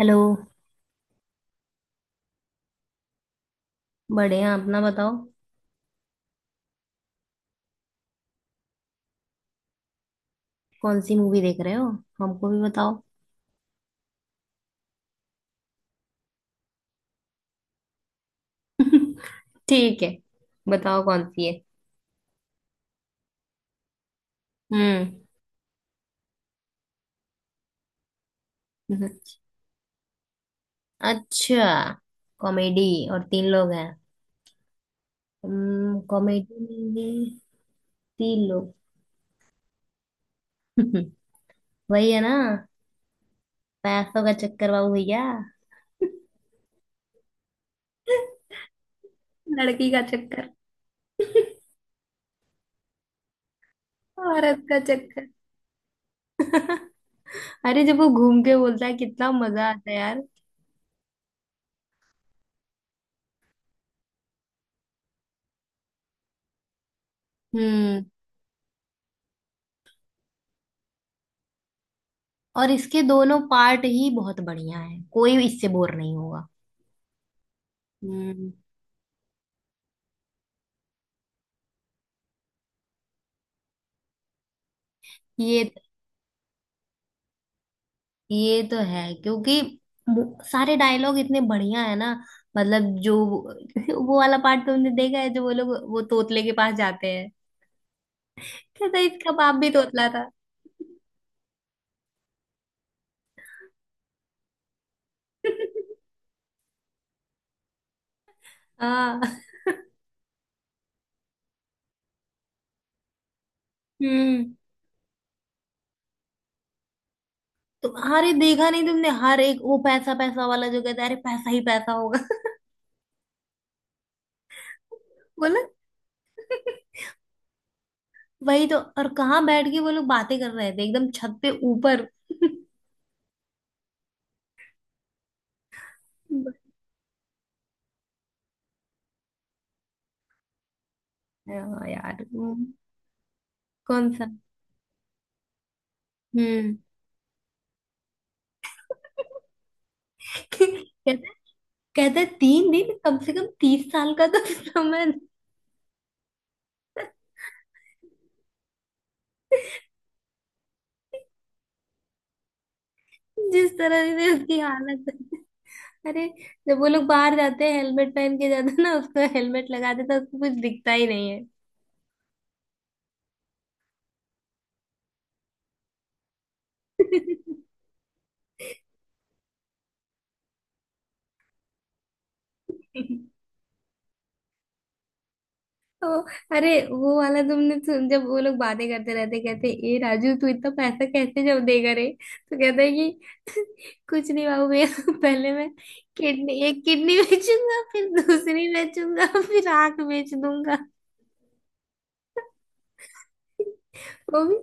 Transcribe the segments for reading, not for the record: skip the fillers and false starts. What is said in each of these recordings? Hello. बढ़िया, अपना बताओ। कौन सी मूवी देख रहे हो? हमको भी बताओ। ठीक है, बताओ कौन सी है। हम्म। हम्म। अच्छा, कॉमेडी, और तीन लोग हैं। हम्म, कॉमेडी में भी तीन लोग। वही है ना, पैसों का चक्कर बाबू भैया, लड़की का चक्कर, औरत का चक्कर। अरे जब वो घूम के बोलता है कितना मजा आता है यार। हम्म। और इसके दोनों पार्ट ही बहुत बढ़िया है, कोई इससे बोर नहीं होगा। हम्म। ये ये तो है क्योंकि सारे डायलॉग इतने बढ़िया है ना। मतलब जो वो वो वाला पार्ट तुमने देखा है, जो वो लोग वो तोतले के पास जाते हैं। कहता है, इसका बाप भी तोतला था। हाँ। हम्म। तो अरे देखा नहीं तुमने, हर एक वो पैसा पैसा वाला जो कहता है, अरे पैसा ही पैसा होगा। बोला। वही तो। और कहाँ बैठ के वो लोग बातें कर रहे थे, एकदम छत पे ऊपर। हाँ यार वो। कौन सा? हम्म। कहता है 3 दिन, कम से कम 30 साल का तो समय। जिस तरह से उसकी हालत है। अरे जब वो लोग बाहर जाते हैं, हेलमेट पहन के जाते हैं ना, उसको हेलमेट लगा देता है, उसको कुछ दिखता ही नहीं है। ओ, अरे वो वाला तुमने सुन, जब वो लोग बातें करते रहते कहते, ए राजू तू इतना पैसा कैसे जब देगा रे। तो कहता है कि कुछ नहीं बाबू भैया, पहले मैं किडनी, एक किडनी बेचूंगा, फिर दूसरी बेचूंगा, फिर आंख बेच दूंगा। वो भी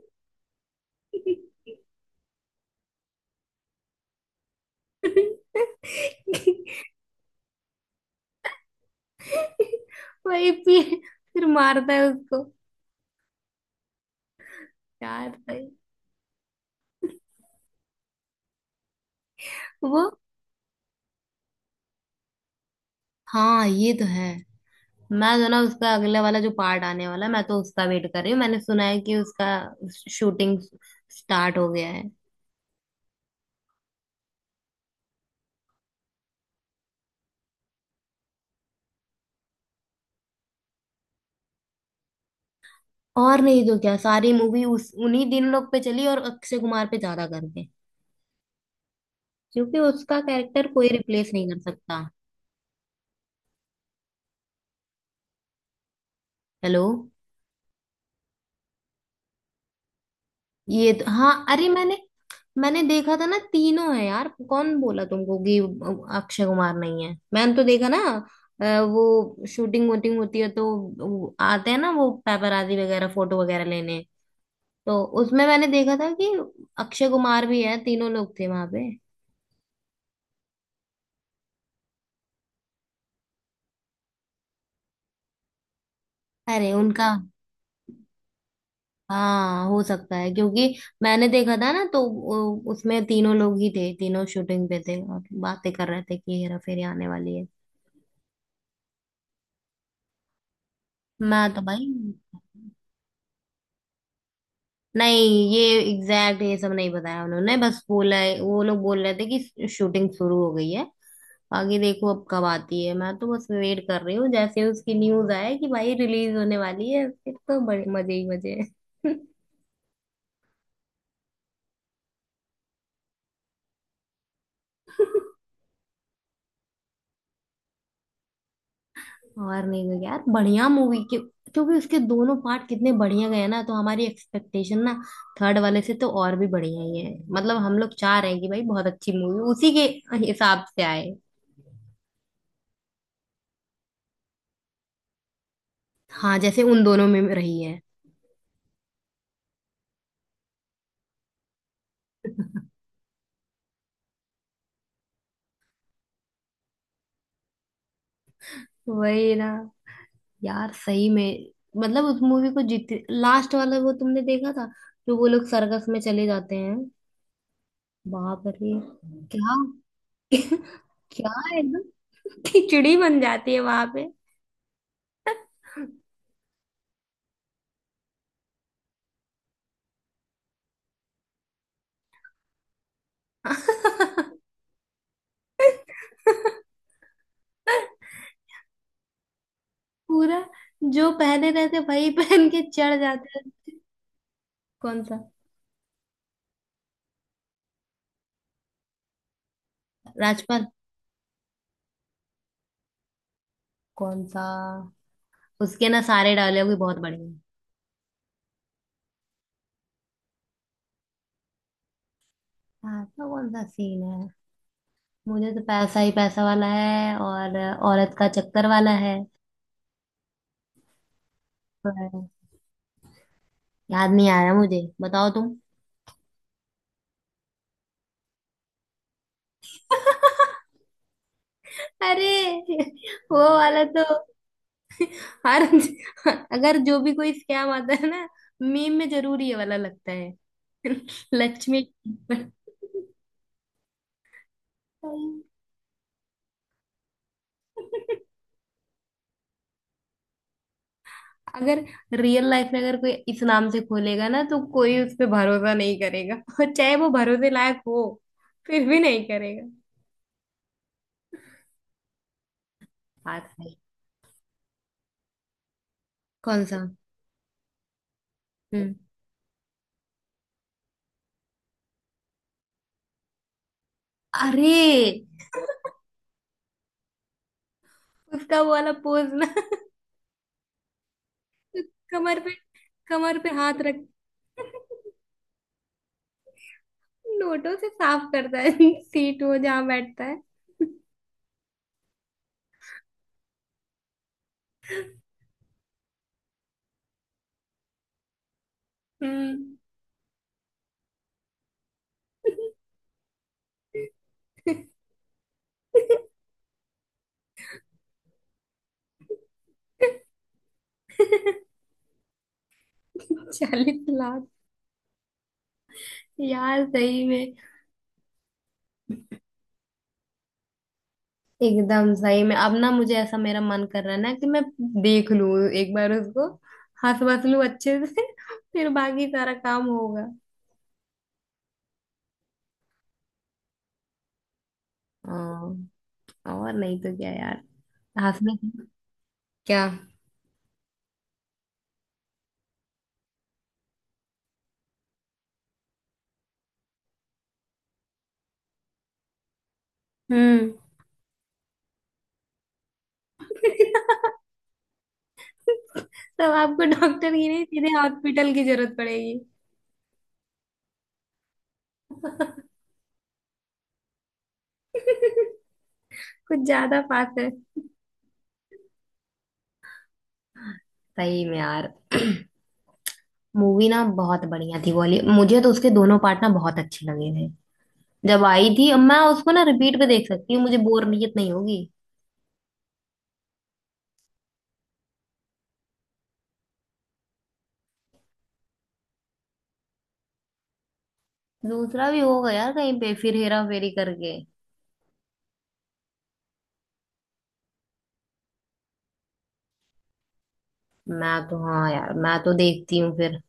वही पी। फिर मारता है उसको। यार भाई वो। हाँ ये तो है। मैं तो ना उसका अगले वाला जो पार्ट आने वाला है, मैं तो उसका वेट कर रही हूँ। मैंने सुना है कि उसका शूटिंग स्टार्ट हो गया है। और नहीं तो क्या, सारी मूवी उस उन्हीं तीन लोग पे चली, और अक्षय कुमार पे ज्यादा कर गए, क्योंकि उसका कैरेक्टर कोई रिप्लेस नहीं कर सकता। हेलो। ये तो हाँ, अरे मैंने मैंने देखा था ना, तीनों है यार। कौन बोला तुमको कि अक्षय कुमार नहीं है, मैंने तो देखा ना। अ, वो शूटिंग वूटिंग होती है तो वो आते हैं ना, वो पेपराजी वगैरह फोटो वगैरह लेने। तो उसमें मैंने देखा था कि अक्षय कुमार भी है, तीनों लोग थे वहां पे। अरे उनका। हाँ हो सकता है, क्योंकि मैंने देखा था ना तो उसमें तीनों लोग ही थे, तीनों शूटिंग पे थे, और बातें कर रहे थे कि हेरा फेरी आने वाली है। मैं तो भाई। नहीं ये एग्जैक्ट ये सब नहीं बताया उन्होंने, बस बोला है, वो लोग बोल रहे थे कि शूटिंग शुरू हो गई है। आगे देखो अब कब आती है, मैं तो बस वेट कर रही हूँ, जैसे उसकी न्यूज आए कि भाई रिलीज होने वाली है, फिर तो बड़े मजे ही मजे हैं। और नहीं तो यार, बढ़िया मूवी, क्योंकि उसके दोनों पार्ट कितने बढ़िया गए ना, तो हमारी एक्सपेक्टेशन ना थर्ड वाले से तो और भी बढ़िया ही है। मतलब हम लोग चाह रहे हैं कि भाई, बहुत अच्छी मूवी उसी के हिसाब से आए। हाँ, जैसे उन दोनों में रही है। वही ना यार, सही में। मतलब उस मूवी को जित लास्ट वाला वो तुमने देखा था, जो वो लोग सर्कस में चले जाते हैं, बाप रे। क्या। क्या, एकदम खिचड़ी बन जाती है वहां पे। पूरा जो पहने रहते वही पहन के चढ़ जाते हैं। कौन सा? राजपाल। कौन सा? उसके ना सारे डायलॉग भी बहुत बढ़िया हैं। ऐसा कौन सा सीन है? मुझे तो पैसा ही पैसा वाला है, और औरत का चक्कर वाला है। पर याद नहीं आ रहा, मुझे बताओ तुम। अरे वो वाला तो हर अगर जो भी कोई स्कैम आता है ना, मीम में जरूर ये वाला लगता है। लक्ष्मी। अगर रियल लाइफ में अगर कोई इस नाम से खोलेगा ना, तो कोई उस पे भरोसा नहीं करेगा, और चाहे वो भरोसे लायक हो, फिर भी नहीं करेगा। बात है। कौन सा? हम्म। अरे उसका वो वाला पोज ना, कमर पे, कमर पे हाथ रख। नोटों से साफ करता है सीट, वो जहां बैठता है। हम्म। 40 लाख। यार सही में। एकदम सही में, अब ना मुझे ऐसा मेरा मन कर रहा है ना कि मैं देख लूं एक बार उसको, हंस बस लूं अच्छे से, फिर बाकी सारा काम होगा। हाँ। और नहीं तो क्या यार, हंसने। क्या? हम्म। तब आपको डॉक्टर की नहीं, सीधे हॉस्पिटल की जरूरत पड़ेगी। कुछ ज्यादा फास्ट है। सही में यार। मूवी ना बहुत बढ़िया थी वाली, मुझे तो उसके दोनों पार्ट ना बहुत अच्छे लगे थे, जब आई थी। अब मैं उसको ना रिपीट पे देख सकती हूँ, मुझे बोरियत नहीं होगी। दूसरा भी होगा यार कहीं पे, फिर हेरा फेरी करके। मैं तो हाँ यार, मैं तो देखती हूँ फिर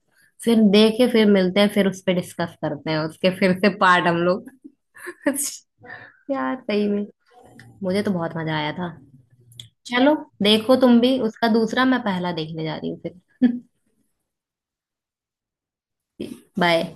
फिर देख के फिर मिलते हैं, फिर उस पे डिस्कस करते हैं उसके फिर से पार्ट हम लोग। यार सही में, मुझे तो बहुत मजा आया था। चलो। देखो तुम भी उसका दूसरा, मैं पहला देखने जा रही हूँ फिर। बाय।